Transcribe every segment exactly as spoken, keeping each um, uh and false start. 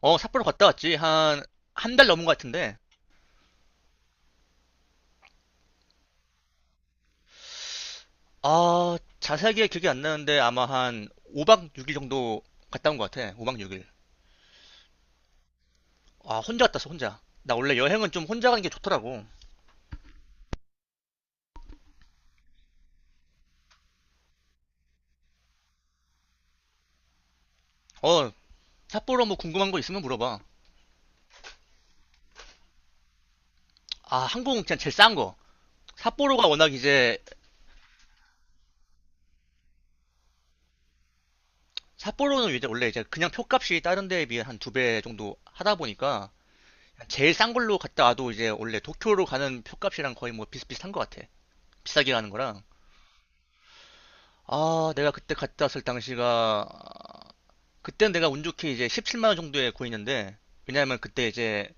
어, 삿포로 갔다 왔지. 한, 한 달 넘은 것 같은데. 아, 자세하게 기억이 안 나는데 아마 한 오 박 육 일 정도 갔다 온 것 같아. 오 박 육 일. 아, 혼자 갔다 왔어, 혼자. 나 원래 여행은 좀 혼자 가는 게 좋더라고. 어, 삿포로 뭐 궁금한 거 있으면 물어봐. 아, 항공 그냥 제일 싼 거. 삿포로가 워낙 이제, 삿포로는 이제 원래 이제 그냥 표값이 다른 데에 비해 한 두 배 정도 하다 보니까 제일 싼 걸로 갔다 와도 이제 원래 도쿄로 가는 표값이랑 거의 뭐 비슷비슷한 것 같아. 비싸게 가는 거랑. 아, 내가 그때 갔다 왔을 당시가, 그때는 내가 운 좋게 이제 십칠만 원 정도에 구했는데, 왜냐하면 그때 이제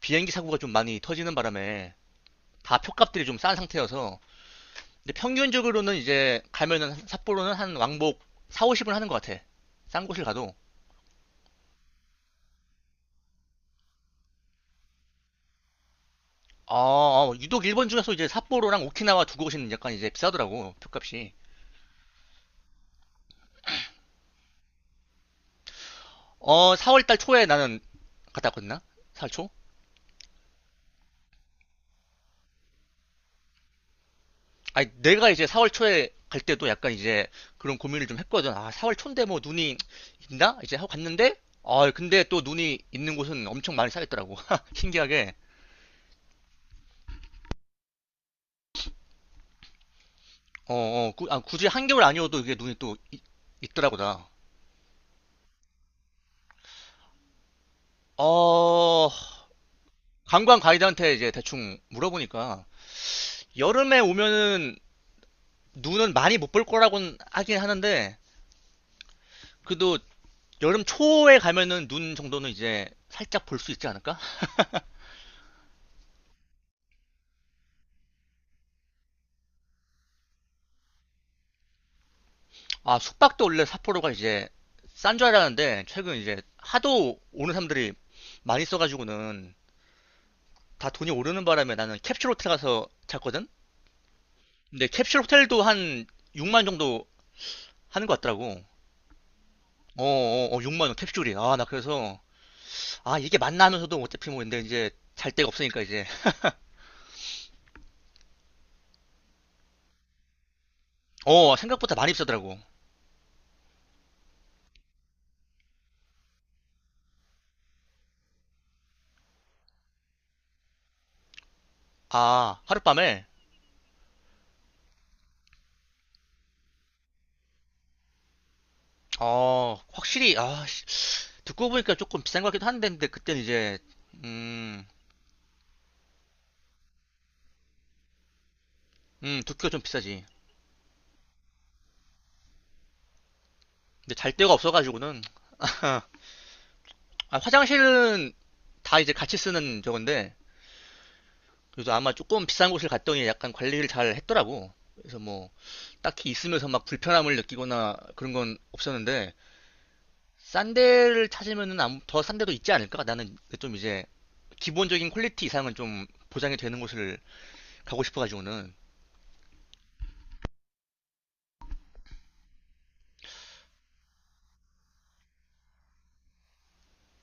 비행기 사고가 좀 많이 터지는 바람에 다 표값들이 좀 싼 상태여서, 근데 평균적으로는 이제 가면은 삿포로는 한 왕복 사, 오십은 하는 것 같아. 싼 곳을 가도. 아, 아, 유독 일본 중에서 이제 삿포로랑 오키나와 두 곳은 약간 이제 비싸더라고, 표값이. 어, 사월 달 초에 나는 갔다 왔거든, 사월 초? 아니, 내가 이제 사월 초에 갈 때도 약간 이제 그런 고민을 좀 했거든. 아, 사월 초인데 뭐 눈이 있나? 이제 하고 갔는데, 아, 근데 또 눈이 있는 곳은 엄청 많이 쌓였더라고. 신기하게. 어, 어, 구- 아, 굳이 한겨울 아니어도 이게 눈이 또 있, 있더라고, 나. 어, 관광 가이드한테 이제 대충 물어보니까, 여름에 오면은 눈은 많이 못 볼 거라고는 하긴 하는데, 그래도 여름 초에 가면은 눈 정도는 이제 살짝 볼 수 있지 않을까? 아, 숙박도 원래 삿포로가 이제 싼 줄 알았는데 최근 이제 하도 오는 사람들이 많이 써가지고는 다 돈이 오르는 바람에 나는 캡슐 호텔 가서 잤거든? 근데 캡슐 호텔도 한 육만 정도 하는 것 같더라고. 어, 어, 어, 육만 원 캡슐이. 아, 나 그래서 아, 이게 맞나 하면서도 어차피 뭐 근데 이제 잘 데가 없으니까 이제. 어, 생각보다 많이 비싸더라고. 아, 하룻밤에. 어, 확실히 아, 씨, 듣고 보니까 조금 비싼 것 같기도 한데 근데 그때는 이제 음, 음, 두께가 좀 비싸지. 근데 잘 데가 없어가지고는. 아, 화장실은 다 이제 같이 쓰는 저건데 그래서 아마 조금 비싼 곳을 갔더니 약간 관리를 잘 했더라고. 그래서 뭐 딱히 있으면서 막 불편함을 느끼거나 그런 건 없었는데 싼 데를 찾으면은 더 싼 데도 있지 않을까? 나는 좀 이제 기본적인 퀄리티 이상은 좀 보장이 되는 곳을 가고 싶어가지고는.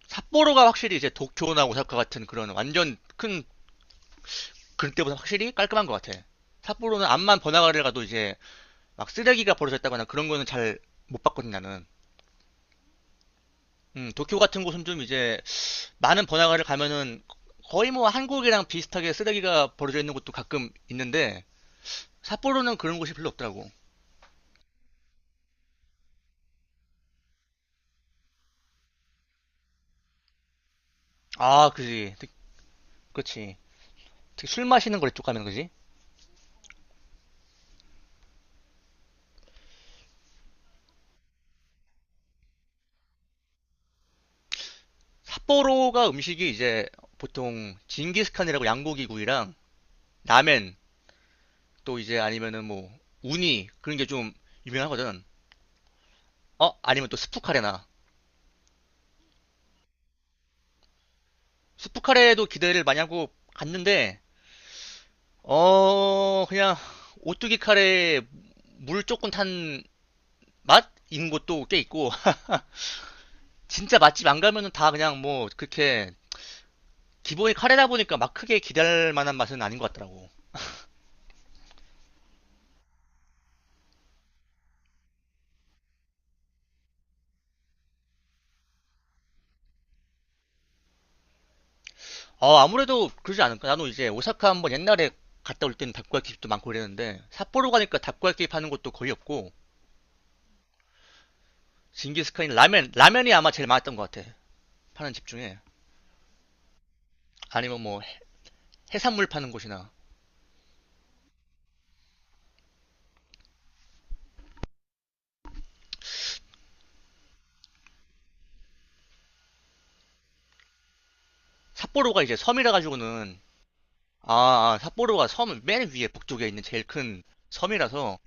삿포로가 확실히 이제 도쿄나 오사카 같은 그런 완전 큰 그런 때보다 확실히 깔끔한 것 같아. 삿포로는 암만 번화가를 가도 이제 막 쓰레기가 버려졌다거나 그런 거는 잘 못 봤거든 나는. 음, 도쿄 같은 곳은 좀 이제 많은 번화가를 가면은 거의 뭐 한국이랑 비슷하게 쓰레기가 버려져 있는 곳도 가끔 있는데 삿포로는 그런 곳이 별로 없더라고. 아, 그지. 특- 그렇지. 특히 술 마시는 거 이쪽 가면 그지? 삿포로가 음식이 이제 보통 징기스칸이라고 양고기 구이랑 라멘 또 이제 아니면은 뭐 우니 그런 게 좀 유명하거든. 어? 아니면 또 스프 카레나. 스프 카레도 기대를 많이 하고 갔는데 어, 그냥 오뚜기 카레에 물 조금 탄 맛인 곳도 꽤 있고. 진짜 맛집 안 가면은 다 그냥 뭐 그렇게 기본이 카레다 보니까 막 크게 기대할 만한 맛은 아닌 것 같더라고. 어, 아무래도 그러지 않을까? 나도 이제 오사카 한번 옛날에 갔다 올 때는 닭야끼 집도 많고 그랬는데 삿포로 가니까 닭야끼 파는 곳도 거의 없고 징기스칸이 라면 라면이 아마 제일 많았던 것 같아. 파는 집 중에 아니면 뭐 해산물 파는 곳이나. 삿포로가 이제 섬이라 가지고는 아, 아, 삿포로가 섬 맨 위에 북쪽에 있는 제일 큰 섬이라서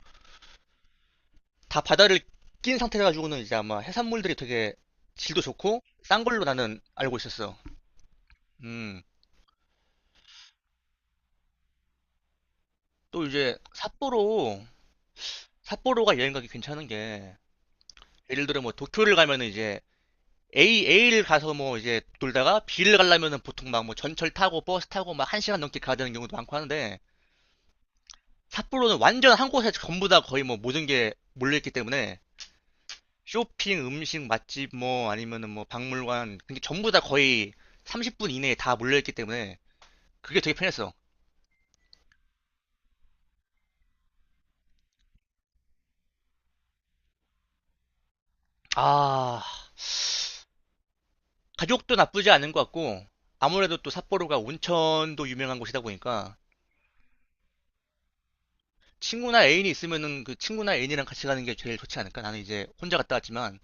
다 바다를 낀 상태라 가지고는 이제 아마 해산물들이 되게 질도 좋고 싼 걸로 나는 알고 있었어. 음, 또 이제 삿포로 삿포로가 여행 가기 괜찮은 게 예를 들어 뭐 도쿄를 가면은 이제 A A를 가서 뭐 이제 돌다가 B를 가려면은 보통 막 뭐 전철 타고 버스 타고 막 한 시간 넘게 가야 되는 경우도 많고 하는데 삿포로는 완전 한 곳에 전부 다 거의 뭐 모든 게 몰려 있기 때문에 쇼핑, 음식, 맛집, 뭐, 아니면은 뭐, 박물관. 그게 전부 다 거의 삼십 분 이내에 다 몰려있기 때문에 그게 되게 편했어. 아, 가격도 나쁘지 않은 것 같고, 아무래도 또 삿포로가 온천도 유명한 곳이다 보니까, 친구나 애인이 있으면은 그 친구나 애인이랑 같이 가는 게 제일 좋지 않을까? 나는 이제 혼자 갔다 왔지만,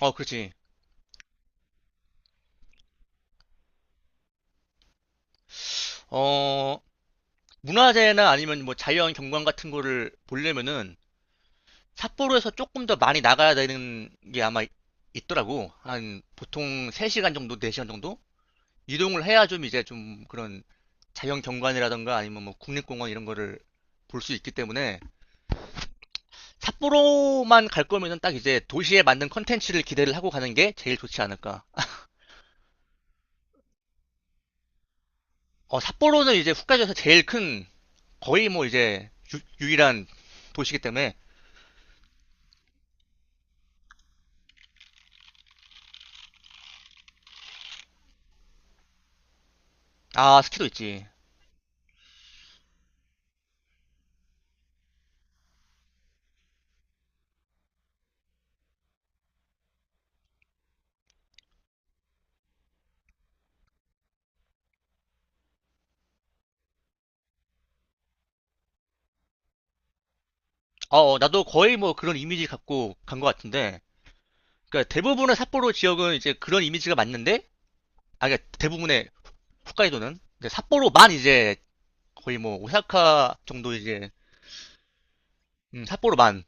어, 그렇지. 어, 문화재나 아니면 뭐 자연 경관 같은 거를 보려면은 삿포로에서 조금 더 많이 나가야 되는 게 아마 있더라고. 한 보통 세 시간 정도, 네 시간 정도? 이동을 해야 좀 이제 좀 그런 자연 경관이라던가 아니면 뭐 국립공원 이런 거를 볼 수 있기 때문에 삿포로만 갈 거면은 딱 이제 도시에 맞는 컨텐츠를 기대를 하고 가는 게 제일 좋지 않을까. 어, 삿포로는 이제 홋카이도에서 제일 큰 거의 뭐 이제 유, 일한 도시기 때문에. 아, 스키도 있지. 어, 어, 나도 거의 뭐 그런 이미지 갖고 간 것 같은데 그러니까 대부분의 삿포로 지역은 이제 그런 이미지가 맞는데, 아, 그러니까 대부분의 홋카이도는 삿포로만 이제 거의 뭐 오사카 정도 이제 음, 삿포로만,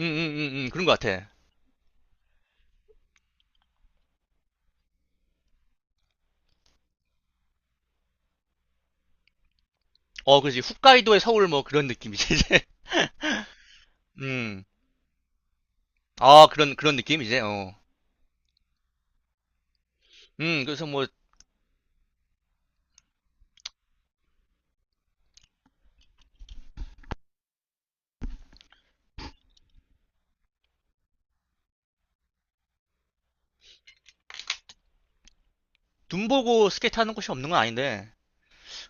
음, 음, 음, 음, 그런 것 같아. 어, 그지. 홋카이도의 서울 뭐 그런 느낌이지 이제. 음, 아 그런 그런 느낌 이제. 어, 음, 그래서 뭐 눈 보고 스케이트 하는 곳이 없는 건 아닌데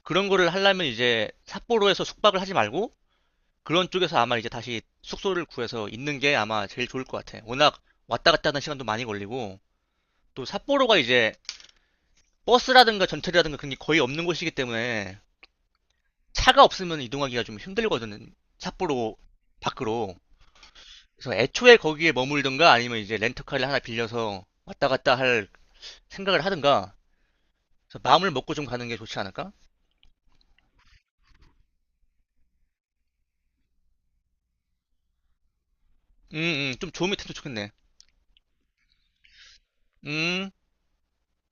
그런 거를 하려면 이제 삿포로에서 숙박을 하지 말고 그런 쪽에서 아마 이제 다시 숙소를 구해서 있는 게 아마 제일 좋을 것 같아. 워낙 왔다 갔다 하는 시간도 많이 걸리고. 또 삿포로가 이제 버스라든가 전철이라든가 그런 게 거의 없는 곳이기 때문에 차가 없으면 이동하기가 좀 힘들거든요. 삿포로 밖으로. 그래서 애초에 거기에 머물든가 아니면 이제 렌터카를 하나 빌려서 왔다 갔다 할 생각을 하든가. 그래서 마음을 먹고 좀 가는 게 좋지 않을까? 음, 음, 좀 좋은 밑도 좋겠네. 음.